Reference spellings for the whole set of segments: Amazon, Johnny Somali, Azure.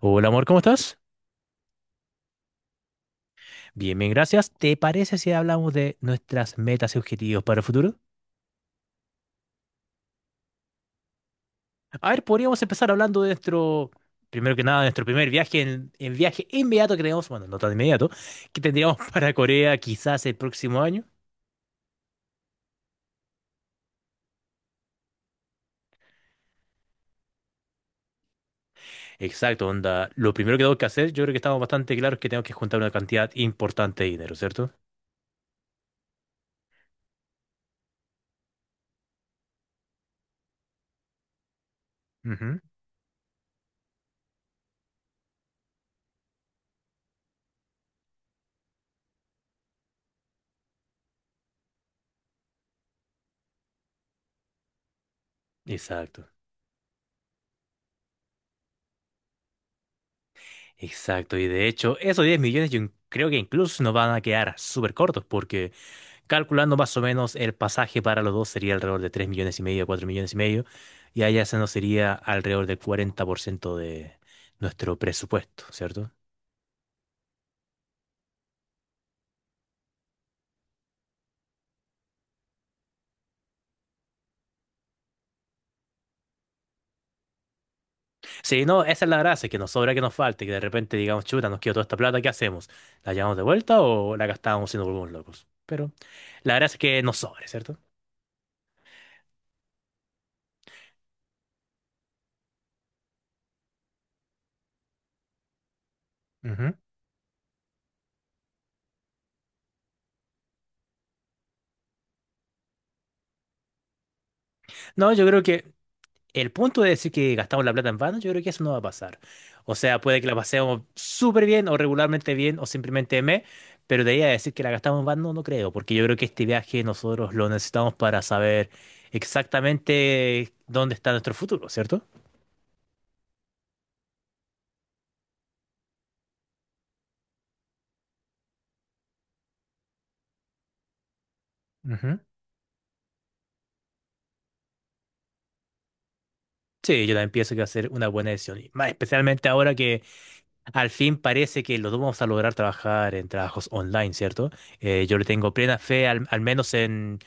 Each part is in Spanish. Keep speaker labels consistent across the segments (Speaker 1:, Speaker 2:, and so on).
Speaker 1: Hola, amor, ¿cómo estás? Bien, bien, gracias. ¿Te parece si hablamos de nuestras metas y objetivos para el futuro? A ver, podríamos empezar hablando de nuestro, primero que nada, de nuestro primer viaje, en viaje inmediato que tenemos, bueno, no tan inmediato, que tendríamos para Corea quizás el próximo año. Exacto, onda. Lo primero que tengo que hacer, yo creo que estamos bastante claros que tengo que juntar una cantidad importante de dinero, ¿cierto? Ujú. Exacto, exacto. Y de hecho, esos 10 millones yo creo que incluso nos van a quedar súper cortos porque, calculando más o menos el pasaje para los dos sería alrededor de 3,5 millones, 4,5 millones, y allá se nos sería alrededor del 40% de nuestro presupuesto, ¿cierto? Sí, no, esa es la gracia, que nos sobra que nos falte, que de repente digamos, chuta, nos quedó toda esta plata, ¿qué hacemos? ¿La llevamos de vuelta o la gastábamos siendo nos volvemos locos? Pero la gracia es que nos sobre, ¿cierto? Ujú. No, yo creo que el punto de decir que gastamos la plata en vano, yo creo que eso no va a pasar. O sea, puede que la pasemos súper bien o regularmente bien o simplemente pero de ahí a decir que la gastamos en vano no creo, porque yo creo que este viaje nosotros lo necesitamos para saber exactamente dónde está nuestro futuro, ¿cierto? Ujú. Sí, yo también pienso que va a ser una buena decisión, y más especialmente ahora que al fin parece que los dos vamos a lograr trabajar en trabajos online, ¿cierto? Yo le tengo plena fe, al menos en,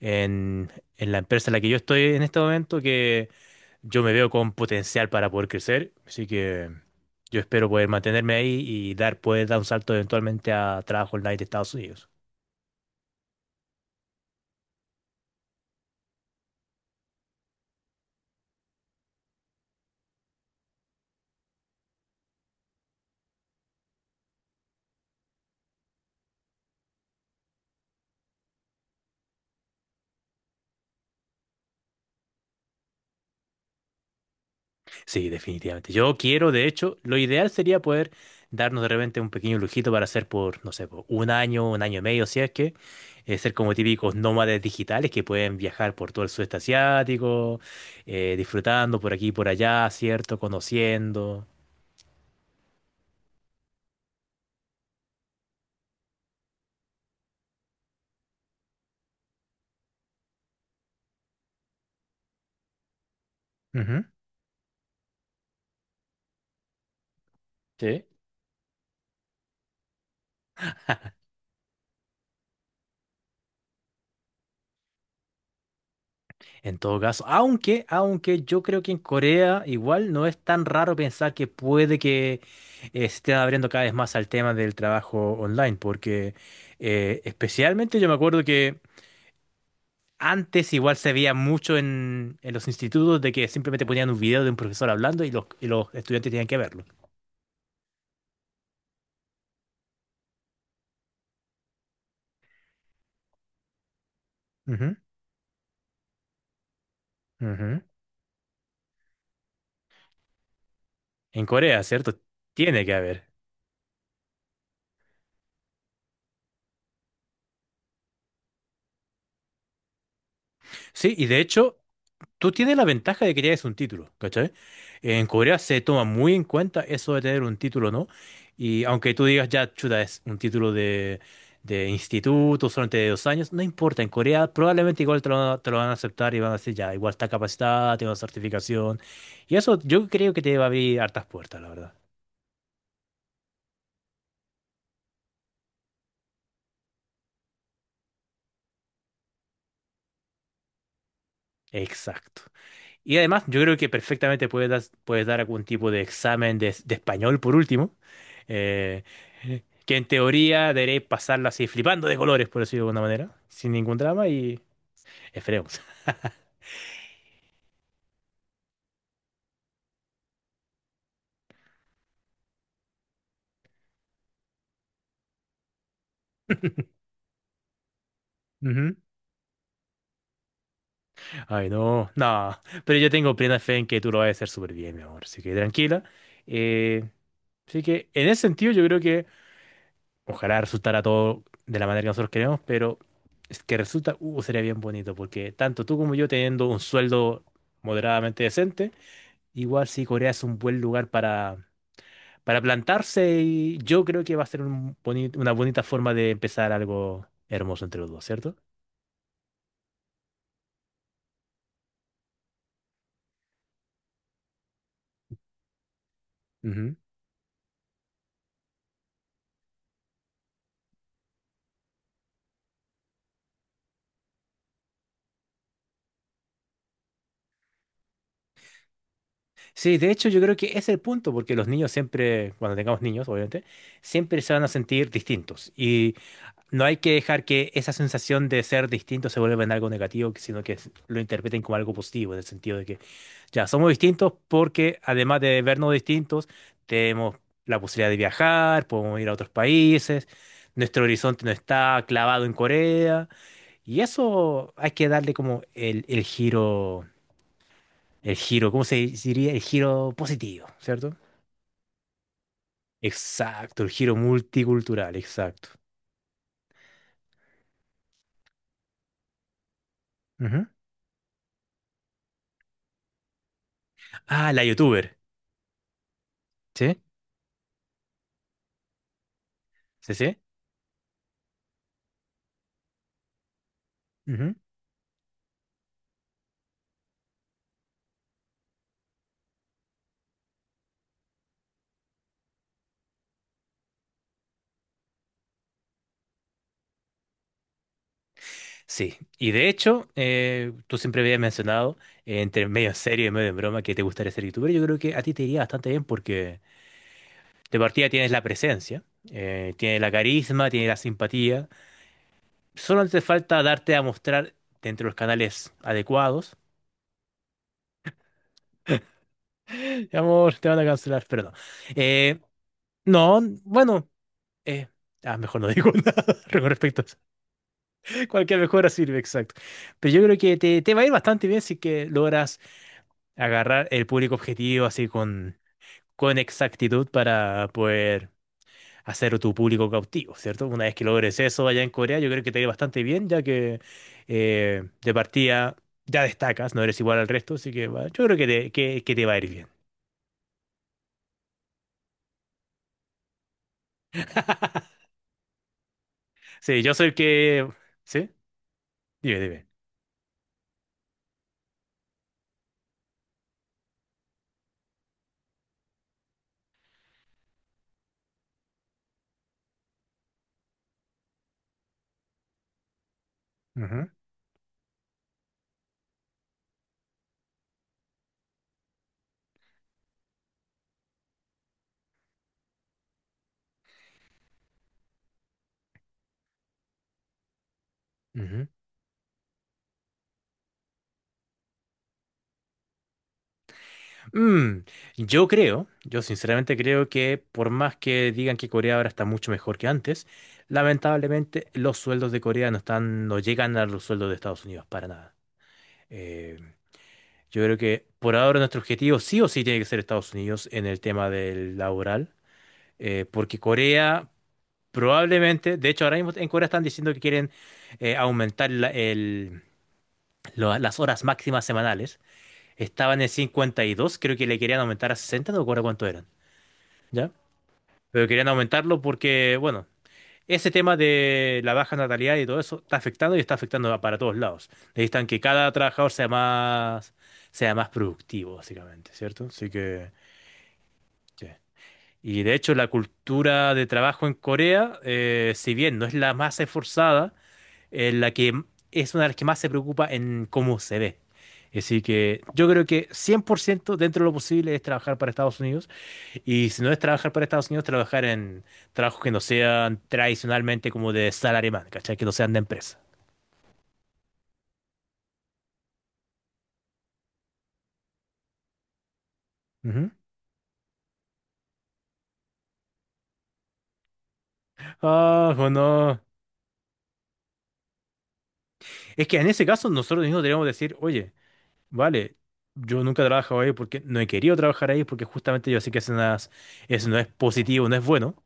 Speaker 1: en, en la empresa en la que yo estoy en este momento que yo me veo con potencial para poder crecer, así que yo espero poder mantenerme ahí y poder dar un salto eventualmente a trabajo online de Estados Unidos. Sí, definitivamente. Yo quiero, de hecho, lo ideal sería poder darnos de repente un pequeño lujito para hacer por, no sé, por un año y medio, si es que, ser como típicos nómades digitales que pueden viajar por todo el sudeste asiático, disfrutando por aquí y por allá, ¿cierto? Conociendo. Ujú. Sí. En todo caso, aunque yo creo que en Corea igual no es tan raro pensar que puede que se esté abriendo cada vez más al tema del trabajo online, porque especialmente yo me acuerdo que antes igual se veía mucho en los institutos de que simplemente ponían un video de un profesor hablando y los estudiantes tenían que verlo. Ujú, ujú. En Corea, ¿cierto? Tiene que haber. Sí, y de hecho, tú tienes la ventaja de que tienes un título, ¿cachai? En Corea se toma muy en cuenta eso de tener un título, ¿no? Y aunque tú digas, ya, chuta, es un título de instituto, solamente de 2 años, no importa, en Corea probablemente igual te lo van a aceptar y van a decir, ya, igual está capacitada, tiene una certificación. Y eso yo creo que te va a abrir hartas puertas, la verdad. Exacto. Y además, yo creo que perfectamente puedes dar algún tipo de examen de español, por último, eh, que en teoría deberéis pasarla así flipando de colores, por decirlo de alguna manera, sin ningún drama y esperemos. Ujú. Ay, no, no, pero yo tengo plena fe en que tú lo vas a hacer súper bien, mi amor, así que tranquila. Eh, Así que en ese sentido yo creo que ojalá resultara todo de la manera que nosotros queremos, pero es que resulta, sería bien bonito, porque tanto tú como yo teniendo un sueldo moderadamente decente, igual sí, Corea es un buen lugar para plantarse y yo creo que va a ser un una bonita forma de empezar algo hermoso entre los dos, ¿cierto? Ujú. Sí, de hecho yo creo que ese es el punto, porque los niños siempre, cuando tengamos niños, obviamente, siempre se van a sentir distintos y no hay que dejar que esa sensación de ser distinto se vuelva en algo negativo, sino que lo interpreten como algo positivo, en el sentido de que ya, somos distintos porque además de vernos distintos, tenemos la posibilidad de viajar, podemos ir a otros países, nuestro horizonte no está clavado en Corea, y eso hay que darle como el giro, el giro, ¿cómo se diría? El giro positivo, ¿cierto? Exacto, el giro multicultural, exacto. Ujú. Ah, la youtuber, ¿sí? ¿Sí, sí? Sí, y de hecho, tú siempre habías mencionado, entre medio en serio y medio en broma, que te gustaría ser youtuber. Yo creo que a ti te iría bastante bien porque de partida tienes la presencia, tienes la carisma, tienes la simpatía. Solo te falta darte a mostrar dentro de los canales adecuados. Mi amor, te van a cancelar, pero no. Eh, no, bueno, eh, mejor no digo nada con respecto a eso. Cualquier mejora sirve, exacto. Pero yo creo que te va a ir bastante bien si que logras agarrar el público objetivo así con exactitud para poder hacer tu público cautivo, ¿cierto? Una vez que logres eso allá en Corea, yo creo que te irá bastante bien, ya que de partida ya destacas, no eres igual al resto, así que yo creo que que te va a ir bien. Sí, yo soy el que. ¿Sí? Dime, dime. Ujú, ujú. Mm, yo creo, yo sinceramente creo que por más que digan que Corea ahora está mucho mejor que antes, lamentablemente los sueldos de Corea no están, no llegan a los sueldos de Estados Unidos para nada. Eh, Yo creo que por ahora nuestro objetivo sí o sí tiene que ser Estados Unidos en el tema del laboral, porque Corea probablemente, de hecho ahora mismo en Corea están diciendo que quieren aumentar las horas máximas semanales. Estaban en 52, creo que le querían aumentar a 60, no recuerdo cuánto eran, ¿ya? Pero querían aumentarlo porque, bueno, ese tema de la baja natalidad y todo eso está afectando y está afectando para todos lados. Necesitan que cada trabajador sea más productivo, básicamente, ¿cierto? Así que. Sí. Y de hecho la cultura de trabajo en Corea, si bien no es la más esforzada, es la que m- es una de las que más se preocupa en cómo se ve. Así que yo creo que 100% dentro de lo posible es trabajar para Estados Unidos. Y si no es trabajar para Estados Unidos, trabajar en trabajos que no sean tradicionalmente como de salaryman, ¿cachai? Que no sean de empresa. Ujú. Ah, bueno. Es que en ese caso nosotros mismos deberíamos decir, oye, vale, yo nunca he trabajado ahí porque no he querido trabajar ahí porque justamente yo sé que eso no es, positivo, no es bueno,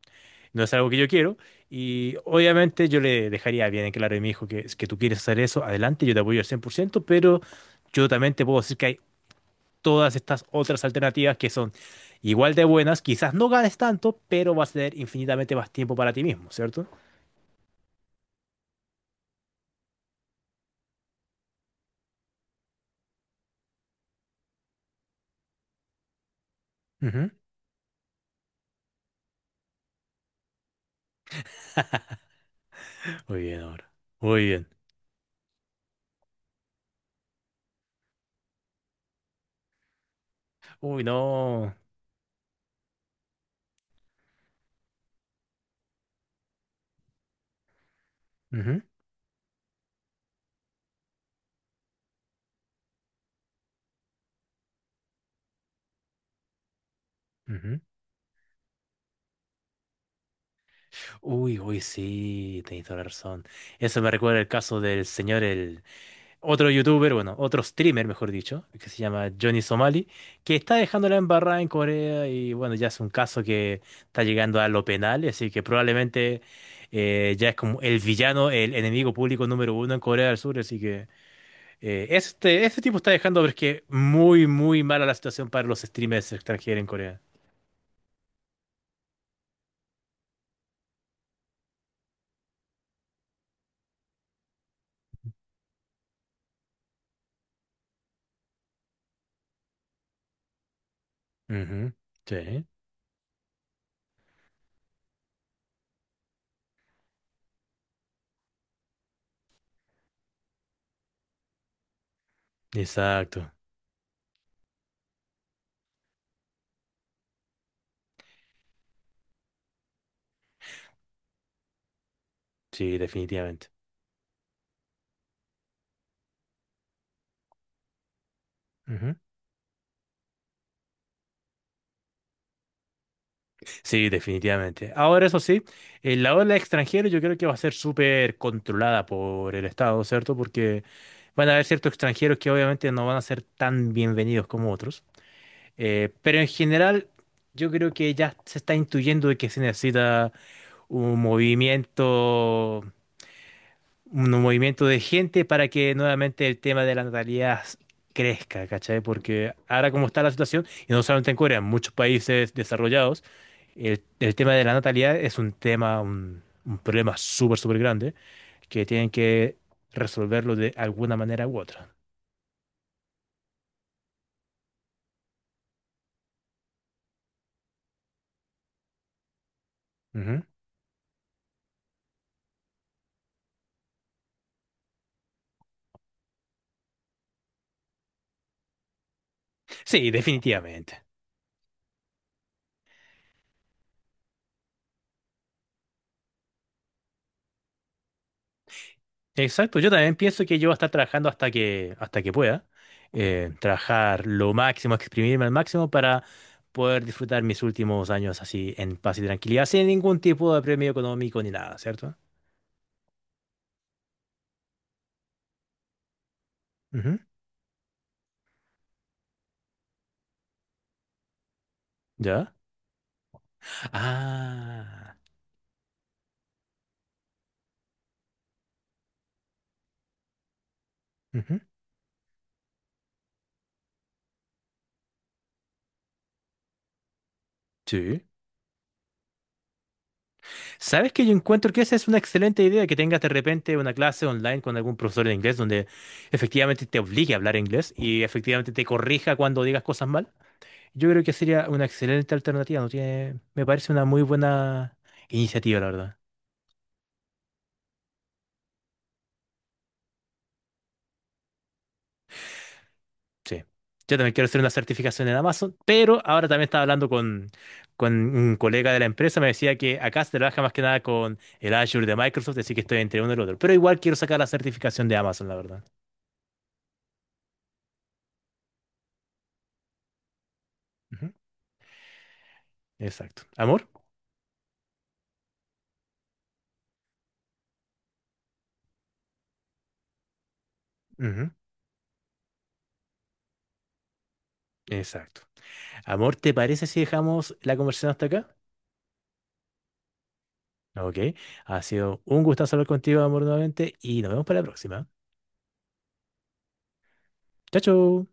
Speaker 1: no es algo que yo quiero y obviamente yo le dejaría bien en claro a mi hijo que, es que tú quieres hacer eso, adelante, yo te apoyo al 100% pero yo también te puedo decir que hay todas estas otras alternativas que son igual de buenas, quizás no ganes tanto, pero vas a tener infinitamente más tiempo para ti mismo, ¿cierto? Ujú. Muy bien ahora, muy bien. Uy, no. Ujú, ujú. Uy, uy, sí, tenéis toda la razón. Eso me recuerda el caso del señor, el otro youtuber, bueno, otro streamer, mejor dicho, que se llama Johnny Somali, que está dejando la embarrada en Corea y bueno, ya es un caso que está llegando a lo penal, así que probablemente ya es como el villano, el enemigo público número uno en Corea del Sur, así que este tipo está dejando, pero es que muy, muy mala la situación para los streamers extranjeros en Corea. Ujú, sí, exacto, sí, definitivamente. Ujú. Sí, definitivamente. Ahora, eso sí, la ola extranjera yo creo que va a ser súper controlada por el Estado, ¿cierto? Porque van a haber ciertos extranjeros que obviamente no van a ser tan bienvenidos como otros. Pero en general, yo creo que ya se está intuyendo de que se necesita un movimiento un movimiento de gente para que nuevamente el tema de la natalidad crezca, ¿cachai? Porque ahora como está la situación, y no solamente en Corea, en muchos países desarrollados, el tema de la natalidad es un tema, un problema súper, súper grande que tienen que resolverlo de alguna manera u otra. Ujú. Sí, definitivamente. Exacto, yo también pienso que yo voy a estar trabajando hasta que pueda, trabajar lo máximo, exprimirme al máximo para poder disfrutar mis últimos años así en paz y tranquilidad, sin ningún tipo de premio económico ni nada, ¿cierto? Ujú. ¿Ya? Ah, ujú, sí. ¿Sabes que yo encuentro que esa es una excelente idea, que tengas de repente una clase online con algún profesor de inglés donde efectivamente te obligue a hablar inglés y efectivamente te corrija cuando digas cosas mal? Yo creo que sería una excelente alternativa, no tiene, me parece una muy buena iniciativa, la verdad. Sí. Yo también quiero hacer una certificación en Amazon, pero ahora también estaba hablando con un colega de la empresa, me decía que acá se trabaja más que nada con el Azure de Microsoft, así que estoy entre uno y el otro. Pero igual quiero sacar la certificación de Amazon, la verdad. Ujú. Exacto. ¿Amor? Ujú. Exacto. Amor, ¿te parece si dejamos la conversación hasta acá? Ok. Ha sido un gusto hablar contigo, amor, nuevamente, y nos vemos para la próxima. Chao, chao.